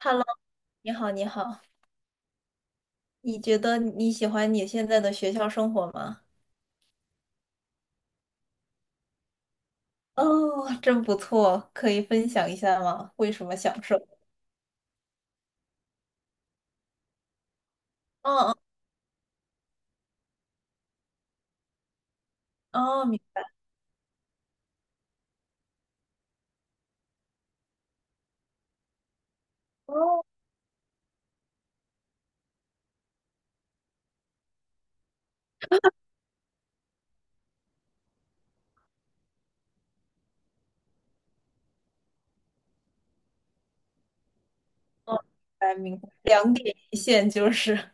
Hello，你好，你好。你觉得你喜欢你现在的学校生活吗？哦，真不错，可以分享一下吗？为什么享受？哦哦哦，哦哦，明白明白，两点一线就是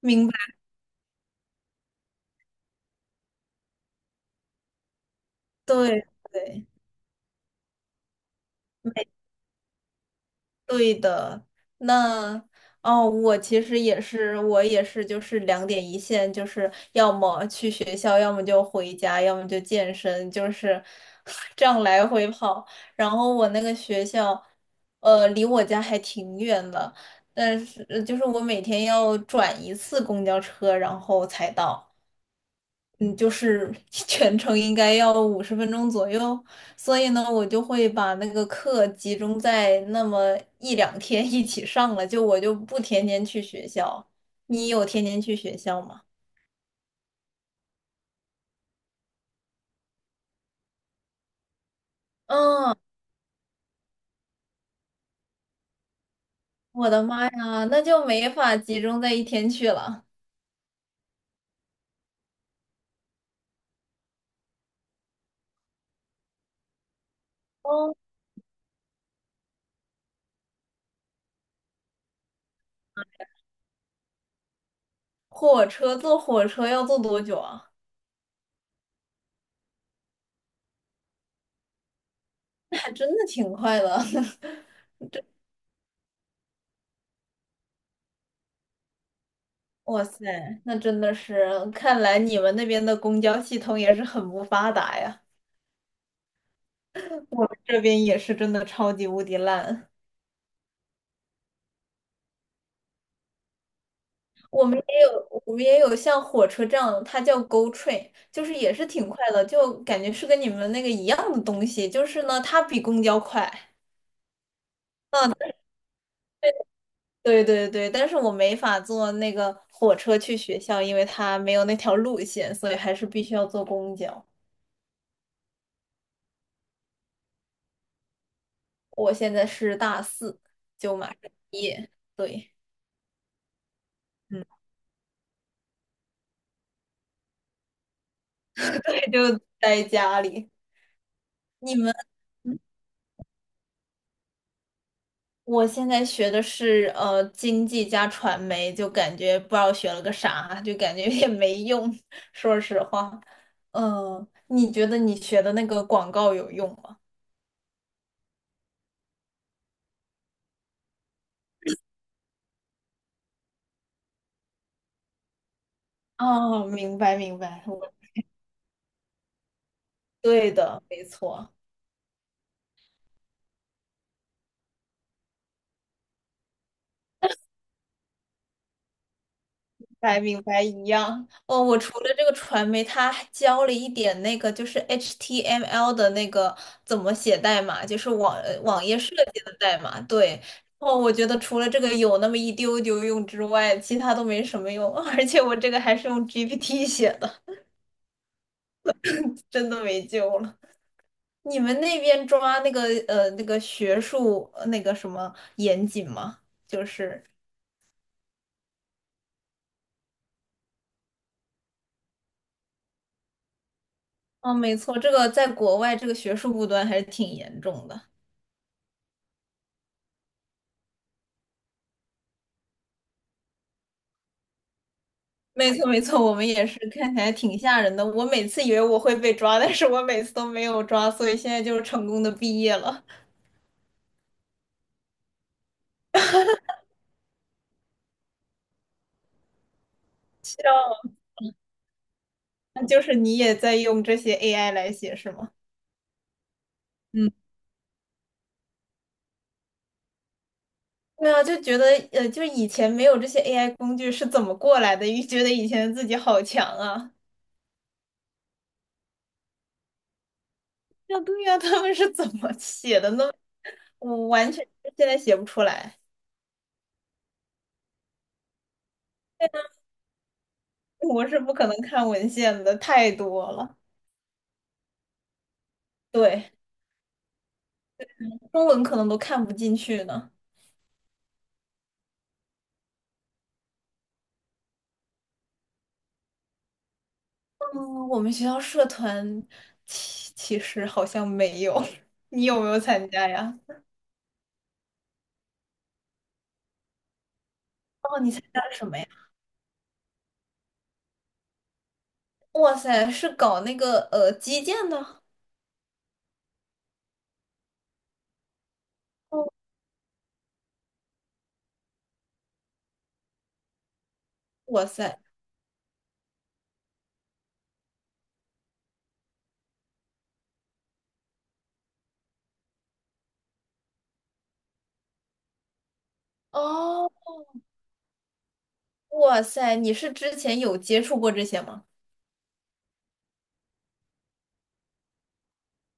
明白，对对，对的。那哦，我其实也是，我也是，就是两点一线，就是要么去学校，要么就回家，要么就健身，就是 这样来回跑。然后我那个学校，离我家还挺远的，但是就是我每天要转一次公交车，然后才到。嗯，就是 全程应该要50 分钟左右，所以呢，我就会把那个课集中在那么一两天一起上了，就我就不天天去学校。你有天天去学校吗？嗯，我的妈呀，那就没法集中在一天去了。哦，火车坐火车要坐多久啊？那还真的挺快的。哇塞，那真的是，看来你们那边的公交系统也是很不发达呀。这边也是真的超级无敌烂。我们也有，我们也有像火车这样，它叫 GO Train，就是也是挺快的，就感觉是跟你们那个一样的东西，就是呢，它比公交快。嗯，对对对，但是我没法坐那个火车去学校，因为它没有那条路线，所以还是必须要坐公交。我现在是大四，就马上毕业，对，嗯。对，就待家里。你们？我现在学的是经济加传媒，就感觉不知道学了个啥，就感觉也没用。说实话，嗯、你觉得你学的那个广告有用吗？哦，明白明白，我对的，没错。白明白一样。哦，我除了这个传媒，他还教了一点那个就是 HTML 的那个怎么写代码，就是网页设计的代码。对。哦，我觉得除了这个有那么一丢丢用之外，其他都没什么用。而且我这个还是用 GPT 写的，真的没救了。你们那边抓那个学术那个什么严谨吗？就是，哦，没错，这个在国外这个学术不端还是挺严重的。没错没错，我们也是看起来挺吓人的。我每次以为我会被抓，但是我每次都没有抓，所以现在就是成功的毕业了。那就是你也在用这些 AI 来写是吗？嗯，对啊，就觉得就是以前没有这些 AI 工具是怎么过来的？又觉得以前自己好强啊！啊，对呀，他们是怎么写的呢？我完全现在写不出来，我是不可能看文献的，太多了。对，中文可能都看不进去呢。嗯，我们学校社团其实好像没有，你有没有参加呀？哦，你参加了什么呀？哇塞，是搞那个击剑的。哦，哇塞。哦，哇塞，你是之前有接触过这些吗？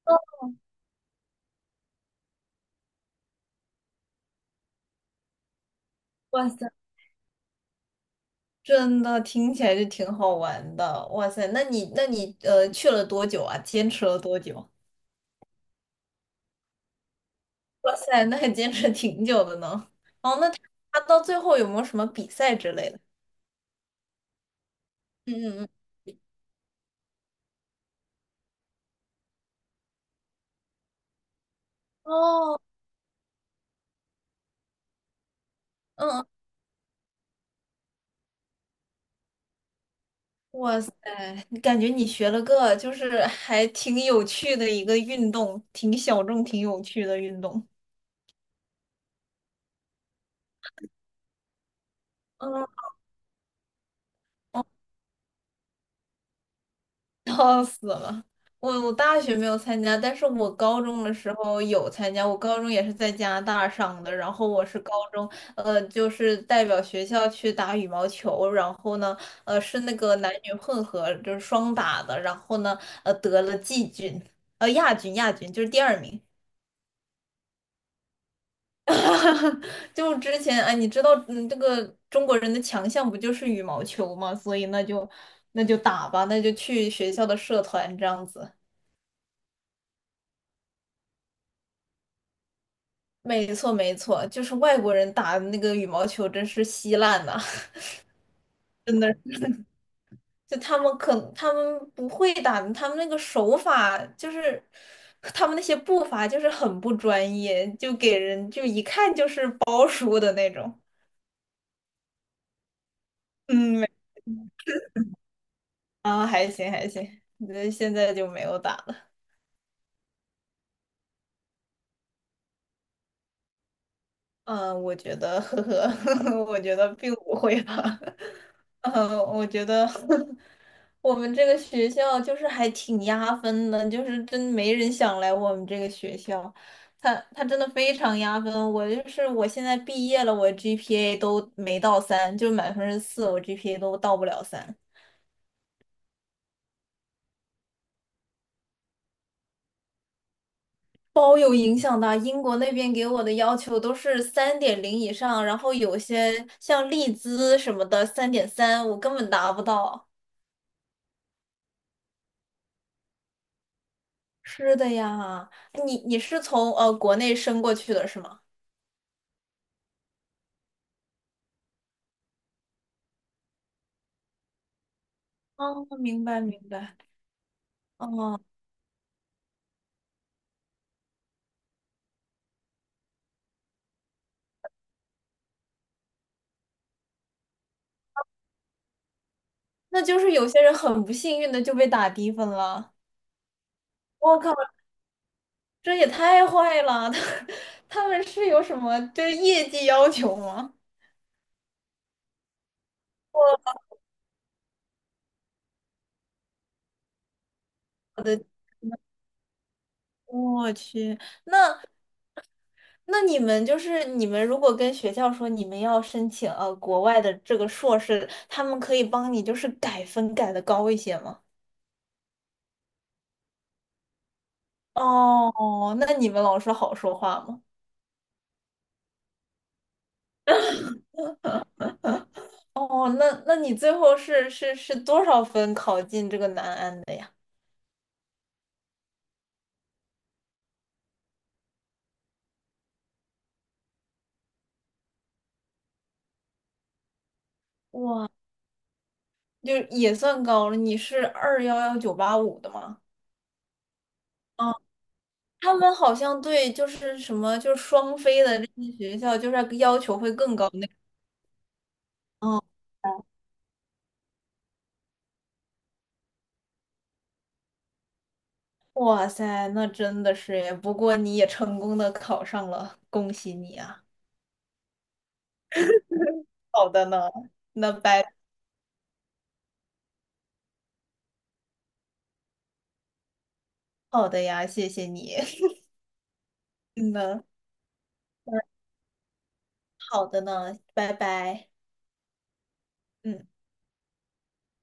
哦，哇塞，真的听起来就挺好玩的。哇塞，那你去了多久啊？坚持了多久？哇塞，那还坚持挺久的呢。哦，那他到最后有没有什么比赛之类的？嗯嗯嗯。哦，嗯哇塞，感觉你学了个就是还挺有趣的一个运动，挺小众、挺有趣的运动。嗯。笑死了！我大学没有参加，但是我高中的时候有参加。我高中也是在加拿大上的，然后我是高中，就是代表学校去打羽毛球，然后呢，是那个男女混合，就是双打的，然后呢，得了季军，亚军，亚军就是第二名。就之前哎，你知道，嗯，这个中国人的强项不就是羽毛球吗？所以那就打吧，那就去学校的社团这样子。没错，没错，就是外国人打那个羽毛球真是稀烂呐、真的。就他们不会打，他们那个手法就是他们那些步伐就是很不专业，就给人就一看就是包输的那种。嗯，没啊，还行还行，那现在就没有打了。嗯，我觉得，呵呵，我觉得并不会吧。我觉得 我们这个学校就是还挺压分的，就是真没人想来我们这个学校。他真的非常压分，我就是我现在毕业了，我 GPA 都没到3，就满分是四，我 GPA 都到不了3，包有影响的。英国那边给我的要求都是3.0以上，然后有些像利兹什么的3.3，我根本达不到。是的呀，你是从国内升过去的是吗？哦，明白明白。哦，那就是有些人很不幸运的就被打低分了。我靠，这也太坏了！他们是有什么就是业绩要求吗？我的我去，那你们如果跟学校说你们要申请国外的这个硕士，他们可以帮你就是改分改的高一些吗？哦，那你们老师好说话吗？哦，那你最后是多少分考进这个南安的呀？哇，就是也算高了。你是211/985的吗？啊，他们好像对就是什么就是双非的这些学校，就是要求会更高那个。哦，哇塞，那真的是耶！不过你也成功的考上了，恭喜你啊！好的呢，那拜。好的呀，谢谢你。嗯呢，好的呢，拜拜。嗯。